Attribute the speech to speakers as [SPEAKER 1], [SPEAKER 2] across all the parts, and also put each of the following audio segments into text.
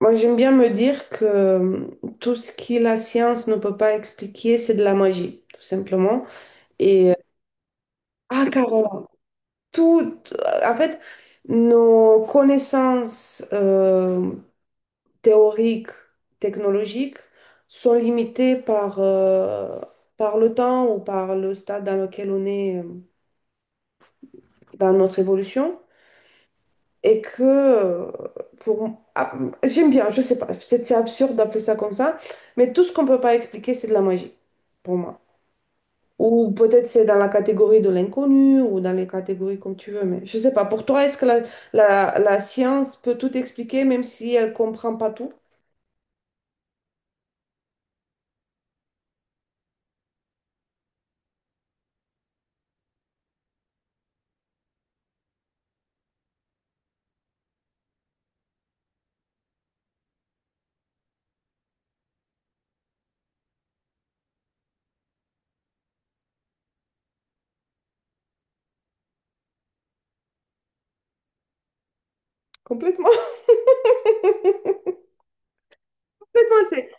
[SPEAKER 1] Moi, j'aime bien me dire que tout ce que la science ne peut pas expliquer, c'est de la magie, tout simplement. Et, euh, ah, carrément, tout, en fait, nos connaissances théoriques, technologiques sont limitées par le temps ou par le stade dans lequel on est dans notre évolution. Et que pour ah, j'aime bien, je sais pas, peut-être c'est absurde d'appeler ça comme ça, mais tout ce qu'on peut pas expliquer, c'est de la magie pour moi. Ou peut-être c'est dans la catégorie de l'inconnu ou dans les catégories comme tu veux, mais je sais pas. Pour toi, est-ce que la science peut tout expliquer même si elle comprend pas tout complètement? Complètement.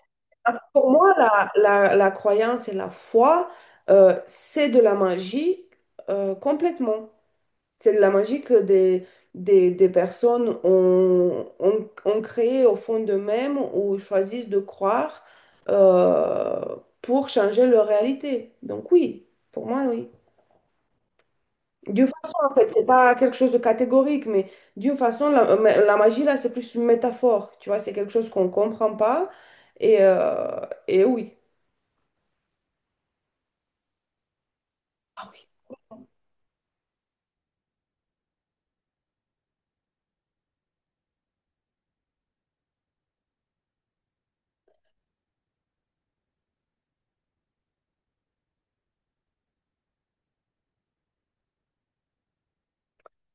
[SPEAKER 1] Pour moi, la croyance et la foi, c'est de la magie, complètement. C'est la magie que des personnes ont créée au fond d'eux-mêmes ou choisissent de croire euh, pour changer leur réalité. Donc oui, pour moi, oui. D'une façon, en fait, c'est pas quelque chose de catégorique, mais d'une façon, la magie, là, c'est plus une métaphore. Tu vois, c'est quelque chose qu'on comprend pas. Et, euh, et oui. Ah oui.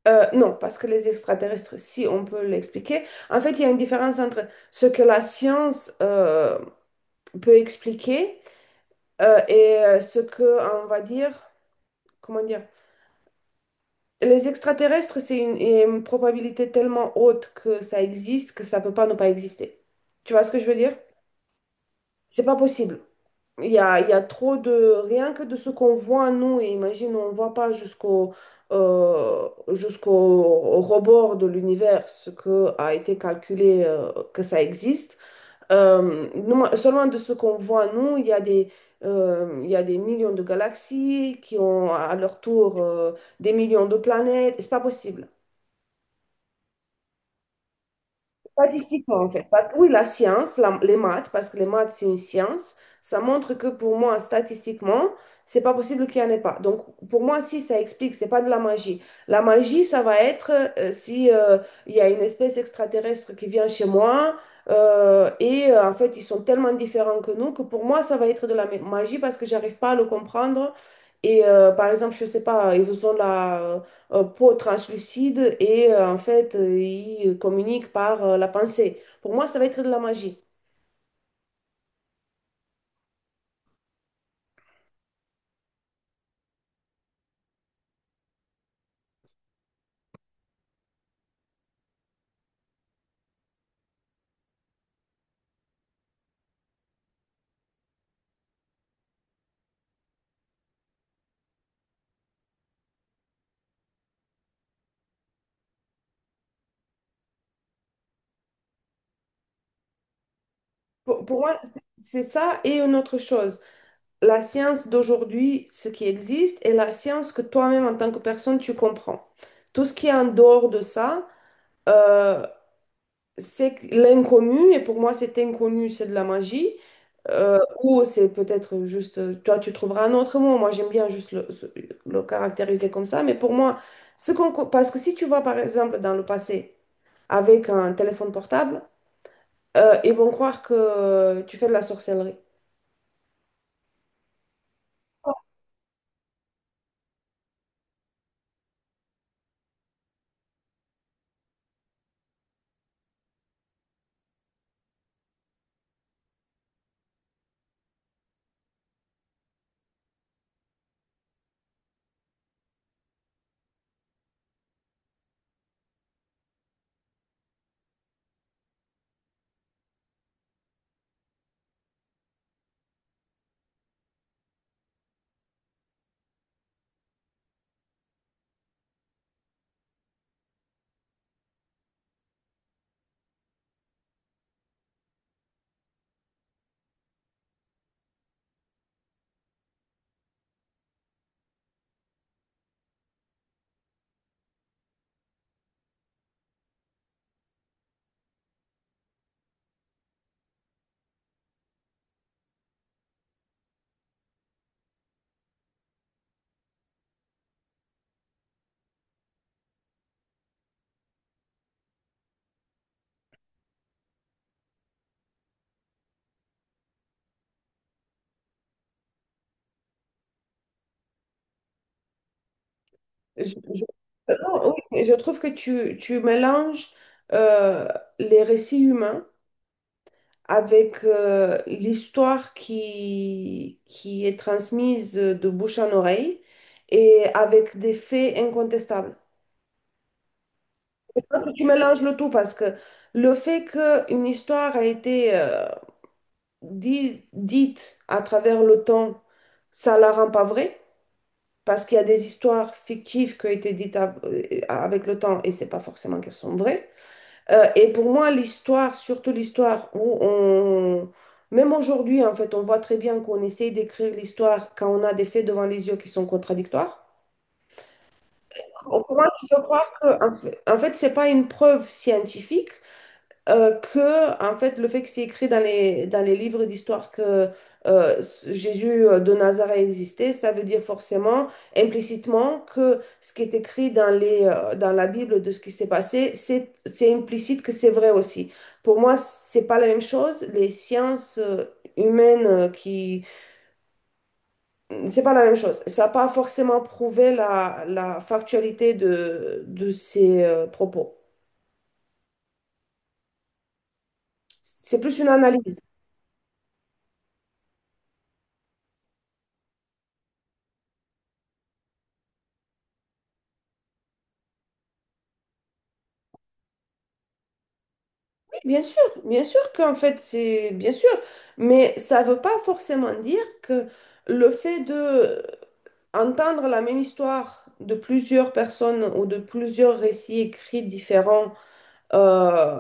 [SPEAKER 1] Non, parce que les extraterrestres, si on peut l'expliquer, en fait, il y a une différence entre ce que la science peut expliquer, et ce que, on va dire, comment dire, les extraterrestres, c'est une probabilité tellement haute que ça existe que ça peut pas ne pas exister. Tu vois ce que je veux dire? C'est pas possible. Il y a trop de, rien que de ce qu'on voit, nous, et imagine, on ne voit pas jusqu'au rebord de l'univers ce que a été calculé, que ça existe. Nous- selon de ce qu'on voit, nous, il y a des, il y a des millions de galaxies qui ont à leur tour, des millions de planètes. C'est pas possible. Statistiquement, en fait. Parce que oui, la science, les maths, parce que les maths, c'est une science, ça montre que pour moi, statistiquement, c'est pas possible qu'il n'y en ait pas. Donc, pour moi, si ça explique, c'est pas de la magie. La magie, ça va être si, il y a une espèce extraterrestre qui vient chez moi, et en fait, ils sont tellement différents que nous que pour moi, ça va être de la magie parce que j'arrive pas à le comprendre. Et par exemple, je sais pas, ils ont la peau translucide et, en fait, il communique par la pensée. Pour moi, ça va être de la magie. Pour moi, c'est ça et une autre chose. La science d'aujourd'hui, ce qui existe, et la science que toi-même, en tant que personne, tu comprends. Tout ce qui est en dehors de ça, euh, c'est l'inconnu, et pour moi, cet inconnu, c'est de la magie. Ou c'est peut-être juste, toi, tu trouveras un autre mot. Moi, j'aime bien juste le caractériser comme ça. Mais pour moi, parce que si tu vas, par exemple, dans le passé, avec un téléphone portable, ils vont croire que tu fais de la sorcellerie. Je, je- non, oui, mais je trouve que tu mélanges euh, les récits humains avec l'histoire qui est transmise de bouche en oreille et avec des faits incontestables. Tu mélanges le tout parce que le fait qu'une histoire a été dite à travers le temps, ça la rend pas vraie. Parce qu'il y a des histoires fictives qui ont été dites avec le temps et c'est pas forcément qu'elles sont vraies. Et pour moi, l'histoire, surtout l'histoire où on. Même aujourd'hui, en fait, on voit très bien qu'on essaye d'écrire l'histoire quand on a des faits devant les yeux qui sont contradictoires. Pour moi tu peux croire que, en fait, c'est pas une preuve scientifique, que en fait le fait que c'est écrit dans les livres d'histoire que Jésus de Nazareth existait, ça veut dire forcément implicitement que ce qui est écrit dans la Bible de ce qui s'est passé, c'est implicite que c'est vrai aussi. Pour moi, c'est pas la même chose. Les sciences humaines qui. C'est pas la même chose. Ça n'a pas forcément prouvé la factualité de ces propos. C'est plus une analyse. Bien sûr qu'en fait, c'est bien sûr, mais ça ne veut pas forcément dire que le fait de entendre la même histoire de plusieurs personnes ou de plusieurs récits écrits différents euh,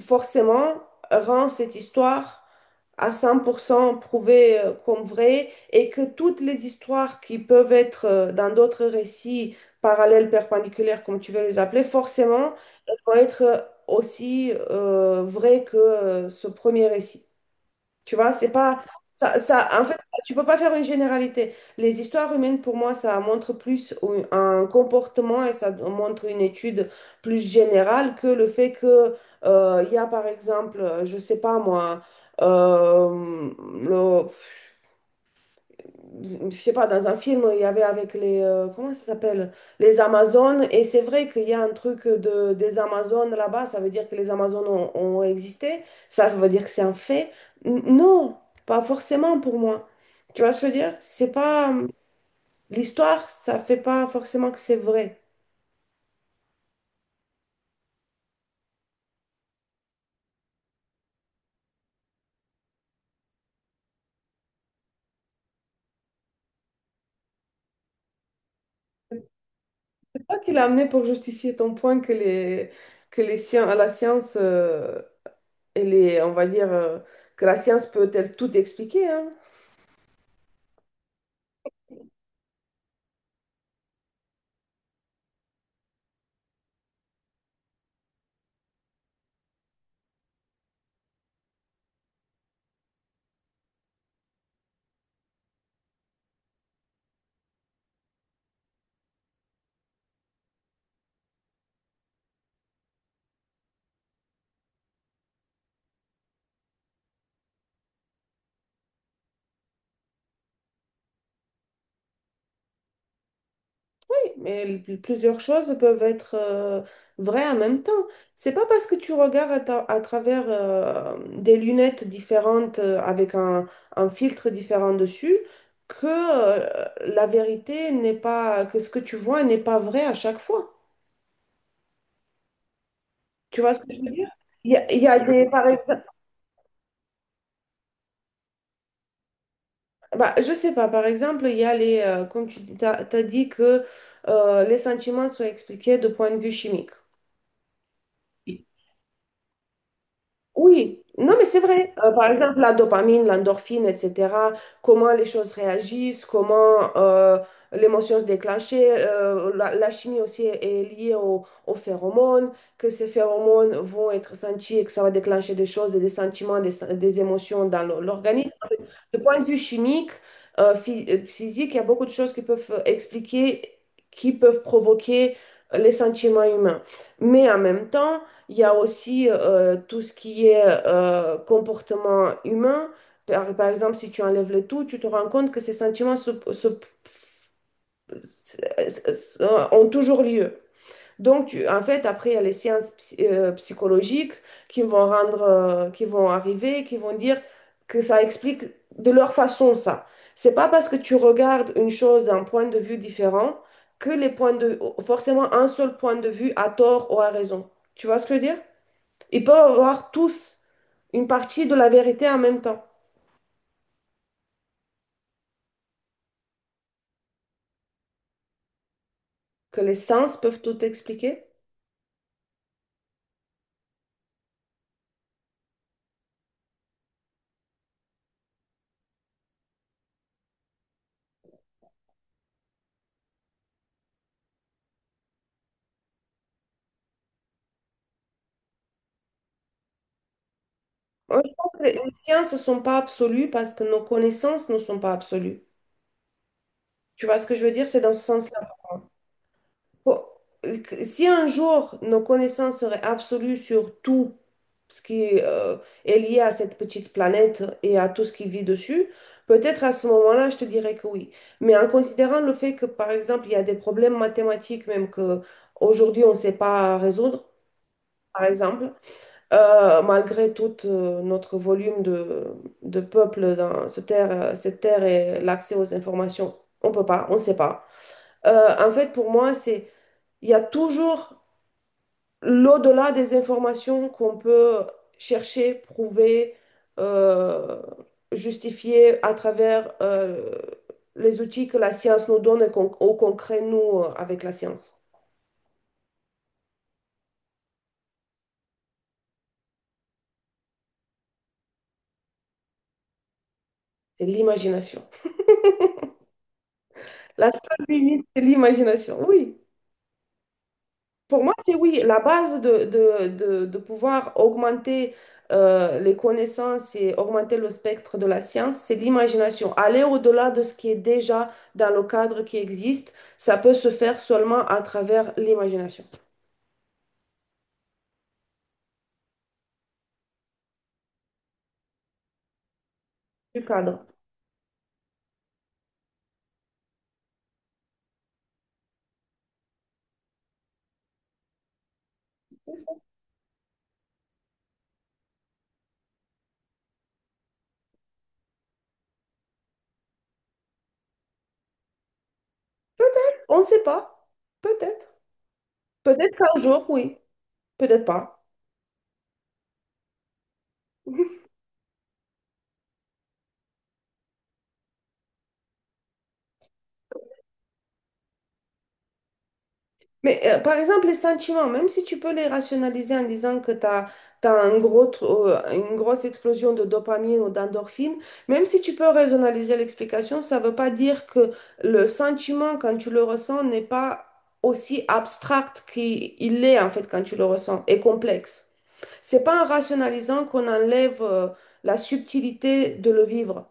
[SPEAKER 1] forcément rend cette histoire à 100% prouvée, comme vraie et que toutes les histoires qui peuvent être dans d'autres récits parallèles, perpendiculaires, comme tu veux les appeler, forcément, elles vont être aussi vraies que ce premier récit. Tu vois, c'est pas ça, ça en fait, tu peux pas faire une généralité. Les histoires humaines, pour moi, ça montre plus un comportement et ça montre une étude plus générale que le fait que il y a, par exemple, je sais pas moi, euh, le, je sais pas, dans un film, il y avait avec les, comment ça s'appelle? Les Amazones. Et c'est vrai qu'il y a un truc de, des Amazones là-bas, ça veut dire que les Amazones ont existé. Ça veut dire que c'est un fait. Non, pas forcément pour moi. Tu vois ce que je veux dire? C'est pas, l'histoire, ça fait pas forcément que c'est vrai. C'est toi qui l'as amené pour justifier ton point que la science, elle est, on va dire, que la science peut-elle tout expliquer, hein? Mais plusieurs choses peuvent être vraies en même temps. C'est pas parce que tu regardes à travers des lunettes différentes avec un filtre différent dessus que la vérité n'est pas, que ce que tu vois n'est pas vrai à chaque fois. Tu vois ce que je veux dire? Il y a des, par exemple, bah, je sais pas, par exemple, il y a les, comme tu as dit que les sentiments sont expliqués de point de vue chimique. Oui, non, mais c'est vrai. Par exemple, la dopamine, l'endorphine, etc., comment les choses réagissent, comment l'émotion se déclenche. La chimie aussi est liée aux phéromones, que ces phéromones vont être sentis et que ça va déclencher des choses, des sentiments, des émotions dans l'organisme. En fait, de point de vue chimique, physique, il y a beaucoup de choses qui peuvent expliquer, qui peuvent provoquer les sentiments humains. Mais en même temps, il y a aussi tout ce qui est comportement humain. Par exemple, si tu enlèves le tout, tu te rends compte que ces sentiments ont toujours lieu. Donc, en fait, après, il y a les sciences psychologiques qui vont rendre, qui vont arriver, qui vont dire que ça explique de leur façon ça. C'est pas parce que tu regardes une chose d'un point de vue différent que les points de, forcément un seul point de vue a tort ou a raison. Tu vois ce que je veux dire? Ils peuvent avoir tous une partie de la vérité en même temps, que les sens peuvent tout expliquer. Moi, je pense que les sciences ne sont pas absolues parce que nos connaissances ne sont pas absolues. Tu vois ce que je veux dire? C'est dans ce sens-là. Faut- Si un jour nos connaissances seraient absolues sur tout ce qui est lié à cette petite planète et à tout ce qui vit dessus, peut-être à ce moment-là, je te dirais que oui. Mais en considérant le fait que, par exemple, il y a des problèmes mathématiques même que aujourd'hui on ne sait pas résoudre, par exemple, malgré tout notre volume de peuple dans cette terre et l'accès aux informations, on peut pas, on sait pas. En fait, pour moi, c'est, il y a toujours l'au-delà des informations qu'on peut chercher, prouver, euh, justifier à travers les outils que la science nous donne et qu'on, ou qu'on crée nous avec la science. C'est l'imagination. La seule limite, c'est l'imagination. Oui, pour moi, c'est oui. La base de pouvoir augmenter les connaissances et augmenter le spectre de la science, c'est l'imagination. Aller au-delà de ce qui est déjà dans le cadre qui existe, ça peut se faire seulement à travers l'imagination du cadre. On ne sait pas, peut-être. Peut-être un jour, oui, peut-être pas. Mais par exemple, les sentiments, même si tu peux les rationaliser en disant que tu as, un gros, tr- une grosse explosion de dopamine ou d'endorphine, même si tu peux rationaliser l'explication, ça ne veut pas dire que le sentiment, quand tu le ressens, n'est pas aussi abstract qu'il il est en fait quand tu le ressens, et complexe. C'est pas en rationalisant qu'on enlève la subtilité de le vivre.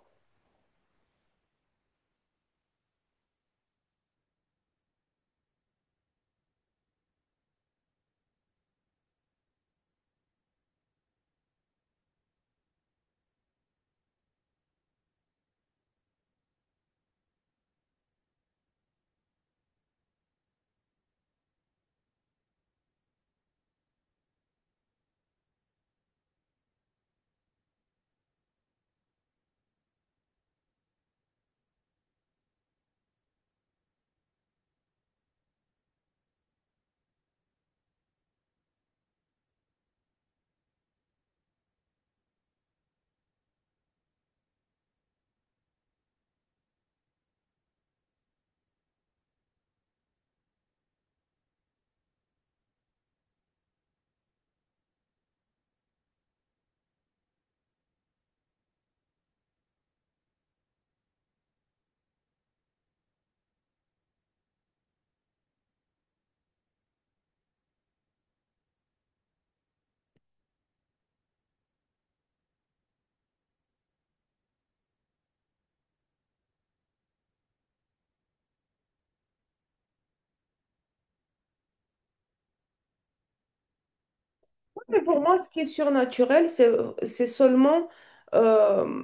[SPEAKER 1] Mais pour moi, ce qui est surnaturel, c'est seulement euh,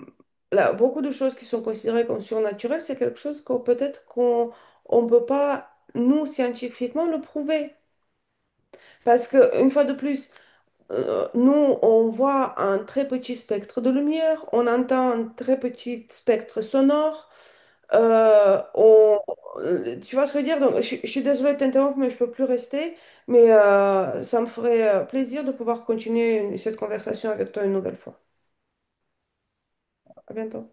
[SPEAKER 1] là, beaucoup de choses qui sont considérées comme surnaturelles, c'est quelque chose qu'on peut-être qu'on on peut pas, nous, scientifiquement, le prouver. Parce que, une fois de plus, nous, on voit un très petit spectre de lumière, on entend un très petit spectre sonore. Euh, on- Tu vois ce que je veux dire? Donc, je suis désolée de t'interrompre, mais je peux plus rester. Mais ça me ferait plaisir de pouvoir continuer cette conversation avec toi une nouvelle fois. À bientôt.